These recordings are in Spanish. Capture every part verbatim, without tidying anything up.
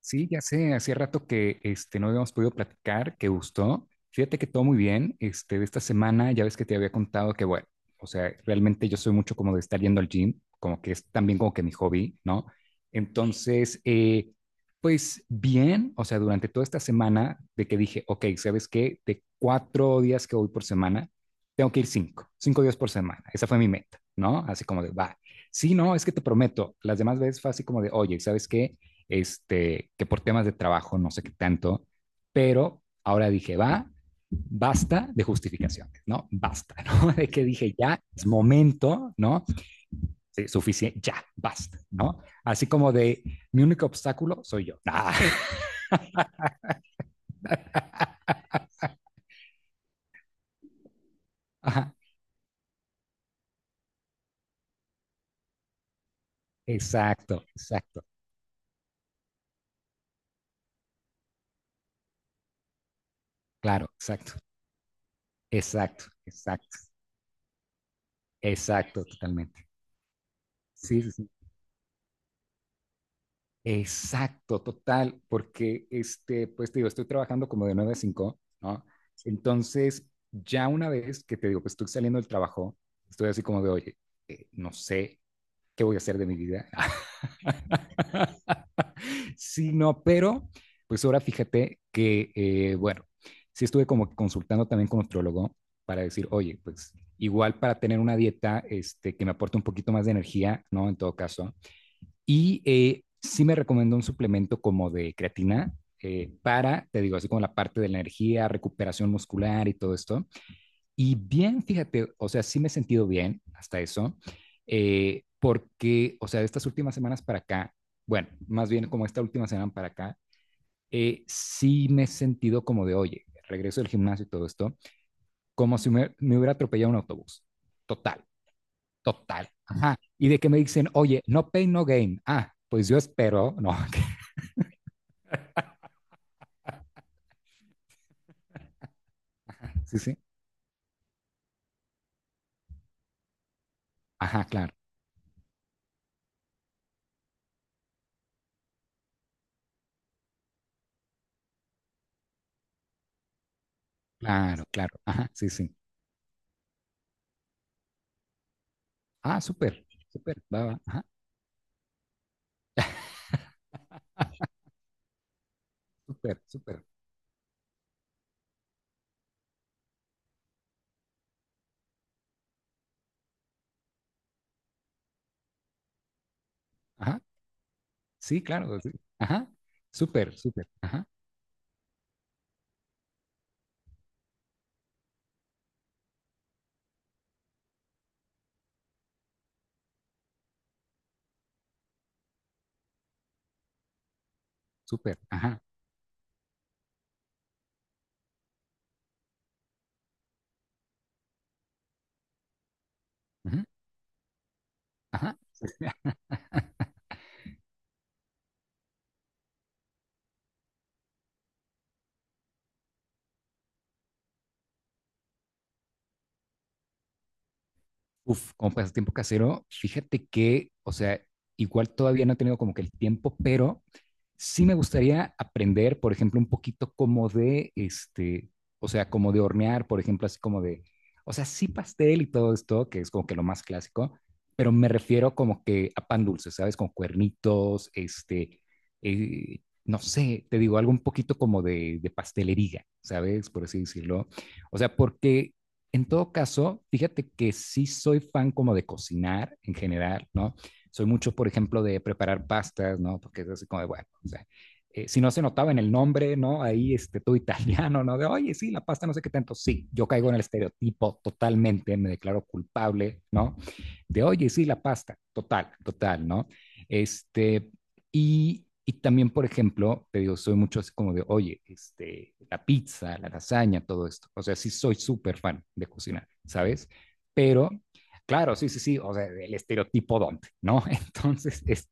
Sí, ya sé, hacía rato que este, no habíamos podido platicar, que gustó. Fíjate que todo muy bien. Este, de esta semana ya ves que te había contado que, bueno, o sea, realmente yo soy mucho como de estar yendo al gym, como que es también como que mi hobby, ¿no? Entonces, eh, pues bien, o sea, durante toda esta semana de que dije, ok, ¿sabes qué? De cuatro días que voy por semana, tengo que ir cinco, cinco días por semana. Esa fue mi meta, ¿no? Así como de, va. Sí, no, es que te prometo, las demás veces fue así como de, oye, ¿sabes qué? Este, que por temas de trabajo, no sé qué tanto, pero ahora dije, va, basta de justificaciones, ¿no? Basta, ¿no? De que dije, ya, es momento, ¿no? Sí, suficiente, ya, basta, ¿no? Así como de, mi único obstáculo soy yo. Ah, ajá, exacto, exacto, claro, exacto, exacto, exacto, exacto, totalmente. Sí, sí, sí. Exacto, total, porque este, pues te digo, estoy trabajando como de nueve a cinco, ¿no? Entonces, ya una vez que te digo, pues estoy saliendo del trabajo, estoy así como de, oye, eh, no sé qué voy a hacer de mi vida. Sí, no, pero pues ahora fíjate que, eh, bueno, sí estuve como que consultando también con nutriólogo para decir, oye, pues igual para tener una dieta este, que me aporte un poquito más de energía, ¿no? En todo caso, y eh, sí me recomendó un suplemento como de creatina eh, para, te digo, así como la parte de la energía, recuperación muscular y todo esto. Y bien, fíjate, o sea, sí me he sentido bien hasta eso, eh, porque, o sea, de estas últimas semanas para acá, bueno, más bien como esta última semana para acá, eh, sí me he sentido como de, oye, regreso del gimnasio y todo esto, como si me, me hubiera atropellado un autobús. Total, total. Ajá. Y de que me dicen, oye, no pain, no gain. Ah, pues yo espero, no, sí, sí. Ajá, claro, claro, claro. Ajá, sí, sí. Ah, súper, súper, va, va. Ajá, súper, súper. Ajá, sí, claro, sí. Ajá, súper, súper. Ajá, súper. Ajá, ujú, ajá. Uf, como pasatiempo casero, fíjate que, o sea, igual todavía no he tenido como que el tiempo, pero sí me gustaría aprender, por ejemplo, un poquito como de, este, o sea, como de hornear, por ejemplo, así como de, o sea, sí pastel y todo esto, que es como que lo más clásico, pero me refiero como que a pan dulce, ¿sabes? Con cuernitos, este, eh, no sé, te digo, algo un poquito como de, de pastelería, ¿sabes? Por así decirlo. O sea, porque en todo caso, fíjate que sí soy fan como de cocinar en general, ¿no? Soy mucho, por ejemplo, de preparar pastas, ¿no? Porque es así como de, bueno, o sea, eh, si no se notaba en el nombre, ¿no? Ahí, este, todo italiano, ¿no? De, oye, sí, la pasta no sé qué tanto. Sí, yo caigo en el estereotipo totalmente, me declaro culpable, ¿no? De, oye, sí, la pasta, total, total, ¿no? Este, y, y también, por ejemplo, te digo, soy mucho así como de, oye, este, la pizza, la lasaña, todo esto. O sea, sí soy súper fan de cocinar, ¿sabes? Pero, claro, sí, sí, sí, o sea, el estereotipo donde, ¿no? Entonces, es,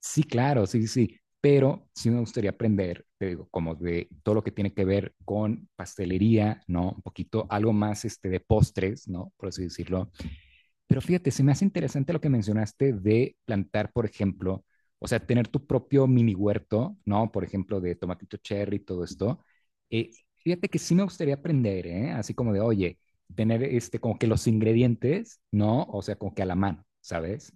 sí, claro, sí, sí, sí, pero sí me gustaría aprender, te digo, como de todo lo que tiene que ver con pastelería, ¿no? Un poquito, algo más este, de postres, ¿no? Por así decirlo, pero fíjate, se me hace interesante lo que mencionaste de plantar, por ejemplo, o sea, tener tu propio mini huerto, ¿no? Por ejemplo, de tomatito cherry, y todo esto. Eh, Fíjate que sí me gustaría aprender, ¿eh? Así como de, oye, tener este, como que los ingredientes, ¿no? O sea, como que a la mano, ¿sabes?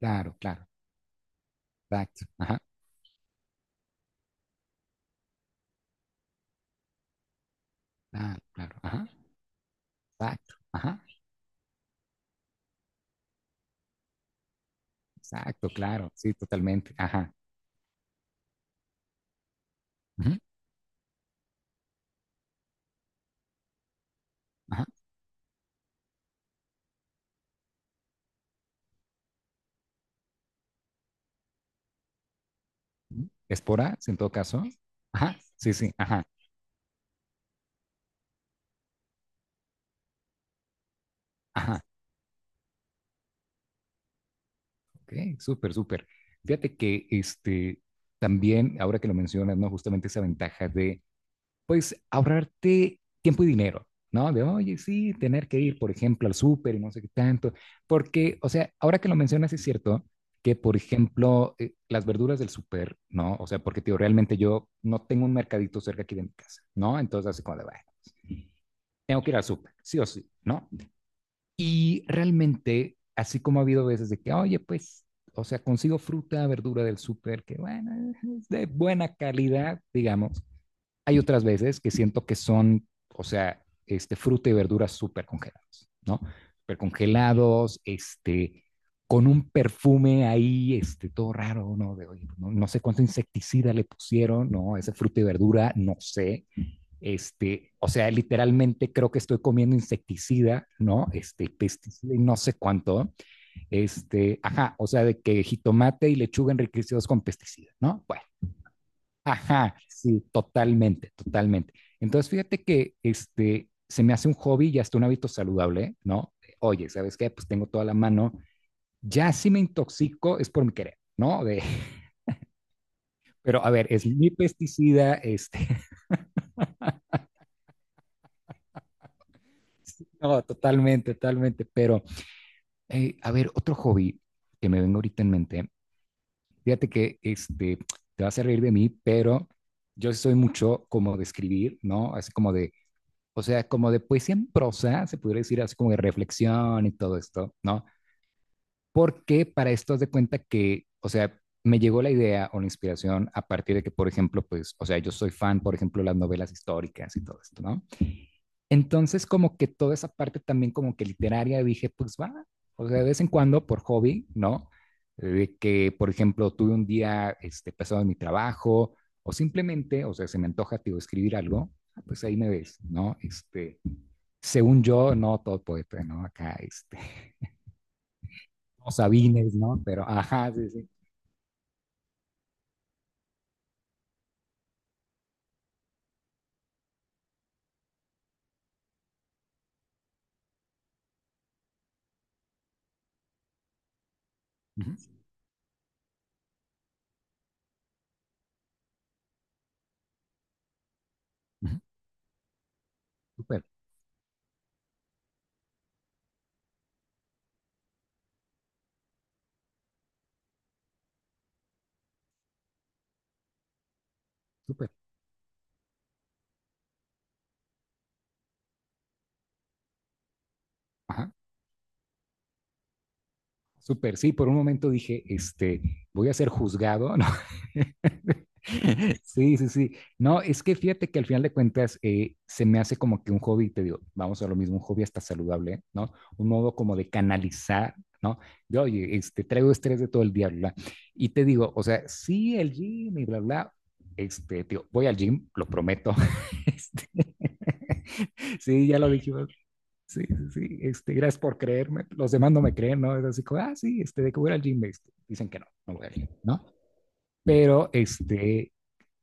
Claro, claro, exacto, ajá, claro, claro, ajá, exacto, ajá, exacto, claro, sí, totalmente, ajá, ujú, ajá, ujú. Esporas en todo caso, ajá, sí, sí, ajá, ajá, ok, súper, súper. Fíjate que este, también, ahora que lo mencionas, ¿no? Justamente esa ventaja de, pues, ahorrarte tiempo y dinero, ¿no? De, oye, sí, tener que ir, por ejemplo, al súper y no sé qué tanto. Porque, o sea, ahora que lo mencionas, es cierto que, por ejemplo, eh, las verduras del súper, ¿no? O sea, porque, tío, realmente yo no tengo un mercadito cerca aquí de mi casa, ¿no? Entonces, así como de, bueno, tengo que ir al súper, sí o sí, ¿no? Y realmente, así como ha habido veces de que, oye, pues, o sea, consigo fruta, verdura del súper, que bueno, es de buena calidad, digamos. Hay otras veces que siento que son, o sea, este, fruta y verduras súper congelados, ¿no? Súper congelados, este, con un perfume ahí, este, todo raro, ¿no? De, oye, pues, no, no sé cuánto insecticida le pusieron, ¿no? Ese fruta y verdura, no sé, este, o sea, literalmente creo que estoy comiendo insecticida, ¿no? Este, pesticida y no sé cuánto. Este, ajá, o sea, de que jitomate y lechuga enriquecidos con pesticida, ¿no? Bueno, ajá, sí, totalmente, totalmente. Entonces, fíjate que este, se me hace un hobby y hasta un hábito saludable, ¿no? Oye, ¿sabes qué? Pues tengo toda la mano. Ya si me intoxico es por mi querer, ¿no? De, pero a ver, es mi pesticida, este, no, totalmente, totalmente, pero Eh, a ver, otro hobby que me vengo ahorita en mente. Fíjate que este, te vas a reír de mí, pero yo sí soy mucho como de escribir, ¿no? Así como de, o sea, como de poesía en prosa, se podría decir así como de reflexión y todo esto, ¿no? Porque para esto haz de cuenta que, o sea, me llegó la idea o la inspiración a partir de que, por ejemplo, pues, o sea, yo soy fan, por ejemplo, de las novelas históricas y todo esto, ¿no? Entonces, como que toda esa parte también como que literaria, dije, pues va, o sea, de vez en cuando por hobby, ¿no? De que, por ejemplo, tuve un día este, pesado en mi trabajo o simplemente, o sea, se me antoja, tío, escribir algo, ah, pues ahí me ves, ¿no? Este, según yo, no todo poeta, ¿no? Acá, este, no Sabines, ¿no? Pero, ajá, sí, sí. Ujú, ujú, súper, súper, ajá. Súper, sí, por un momento dije, este, voy a ser juzgado, ¿no? Sí, sí, sí. No, es que fíjate que al final de cuentas eh, se me hace como que un hobby, te digo, vamos a lo mismo, un hobby hasta saludable, ¿no? Un modo como de canalizar, ¿no? De, oye, este, traigo estrés de todo el día, bla, bla. Y te digo, o sea, sí, el gym y bla, bla, este, te digo, voy al gym, lo prometo. Este, sí, ya lo dijimos, sí, sí, sí. Este, gracias por creerme. Los demás no me creen, ¿no? Es así como, ah, sí, este, de que voy al gym, este, dicen que no, no voy al gym, ¿no? Pero, este,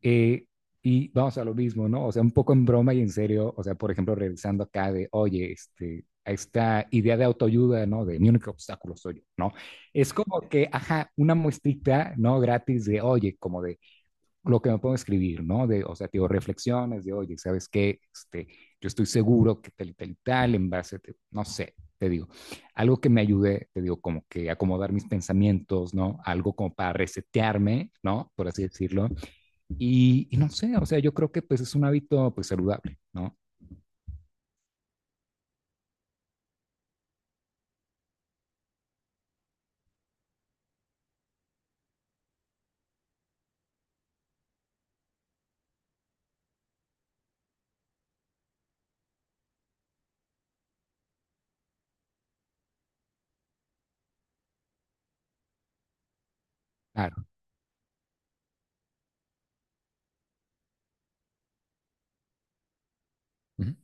eh, y vamos a lo mismo, ¿no? O sea, un poco en broma y en serio, o sea, por ejemplo, revisando acá de, oye, este, a esta idea de autoayuda, ¿no? De mi único obstáculo soy yo, ¿no? Es como que, ajá, una muestrita, ¿no? Gratis de, oye, como de, lo que me puedo escribir, ¿no? De, o sea, digo, reflexiones de, oye, ¿sabes qué? Este, yo estoy seguro que tal y tal y tal, en base, te- no sé, te digo, algo que me ayude, te digo, como que acomodar mis pensamientos, ¿no? Algo como para resetearme, ¿no? Por así decirlo. Y, y no sé, o sea, yo creo que pues es un hábito pues saludable, ¿no? Claro. Ujú.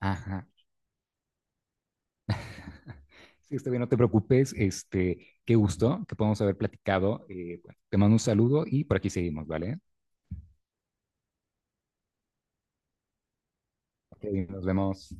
Ajá. Sí, está bien, no te preocupes, este, qué gusto que podamos haber platicado. Eh, bueno, te mando un saludo y por aquí seguimos, ¿vale? Ok, nos vemos.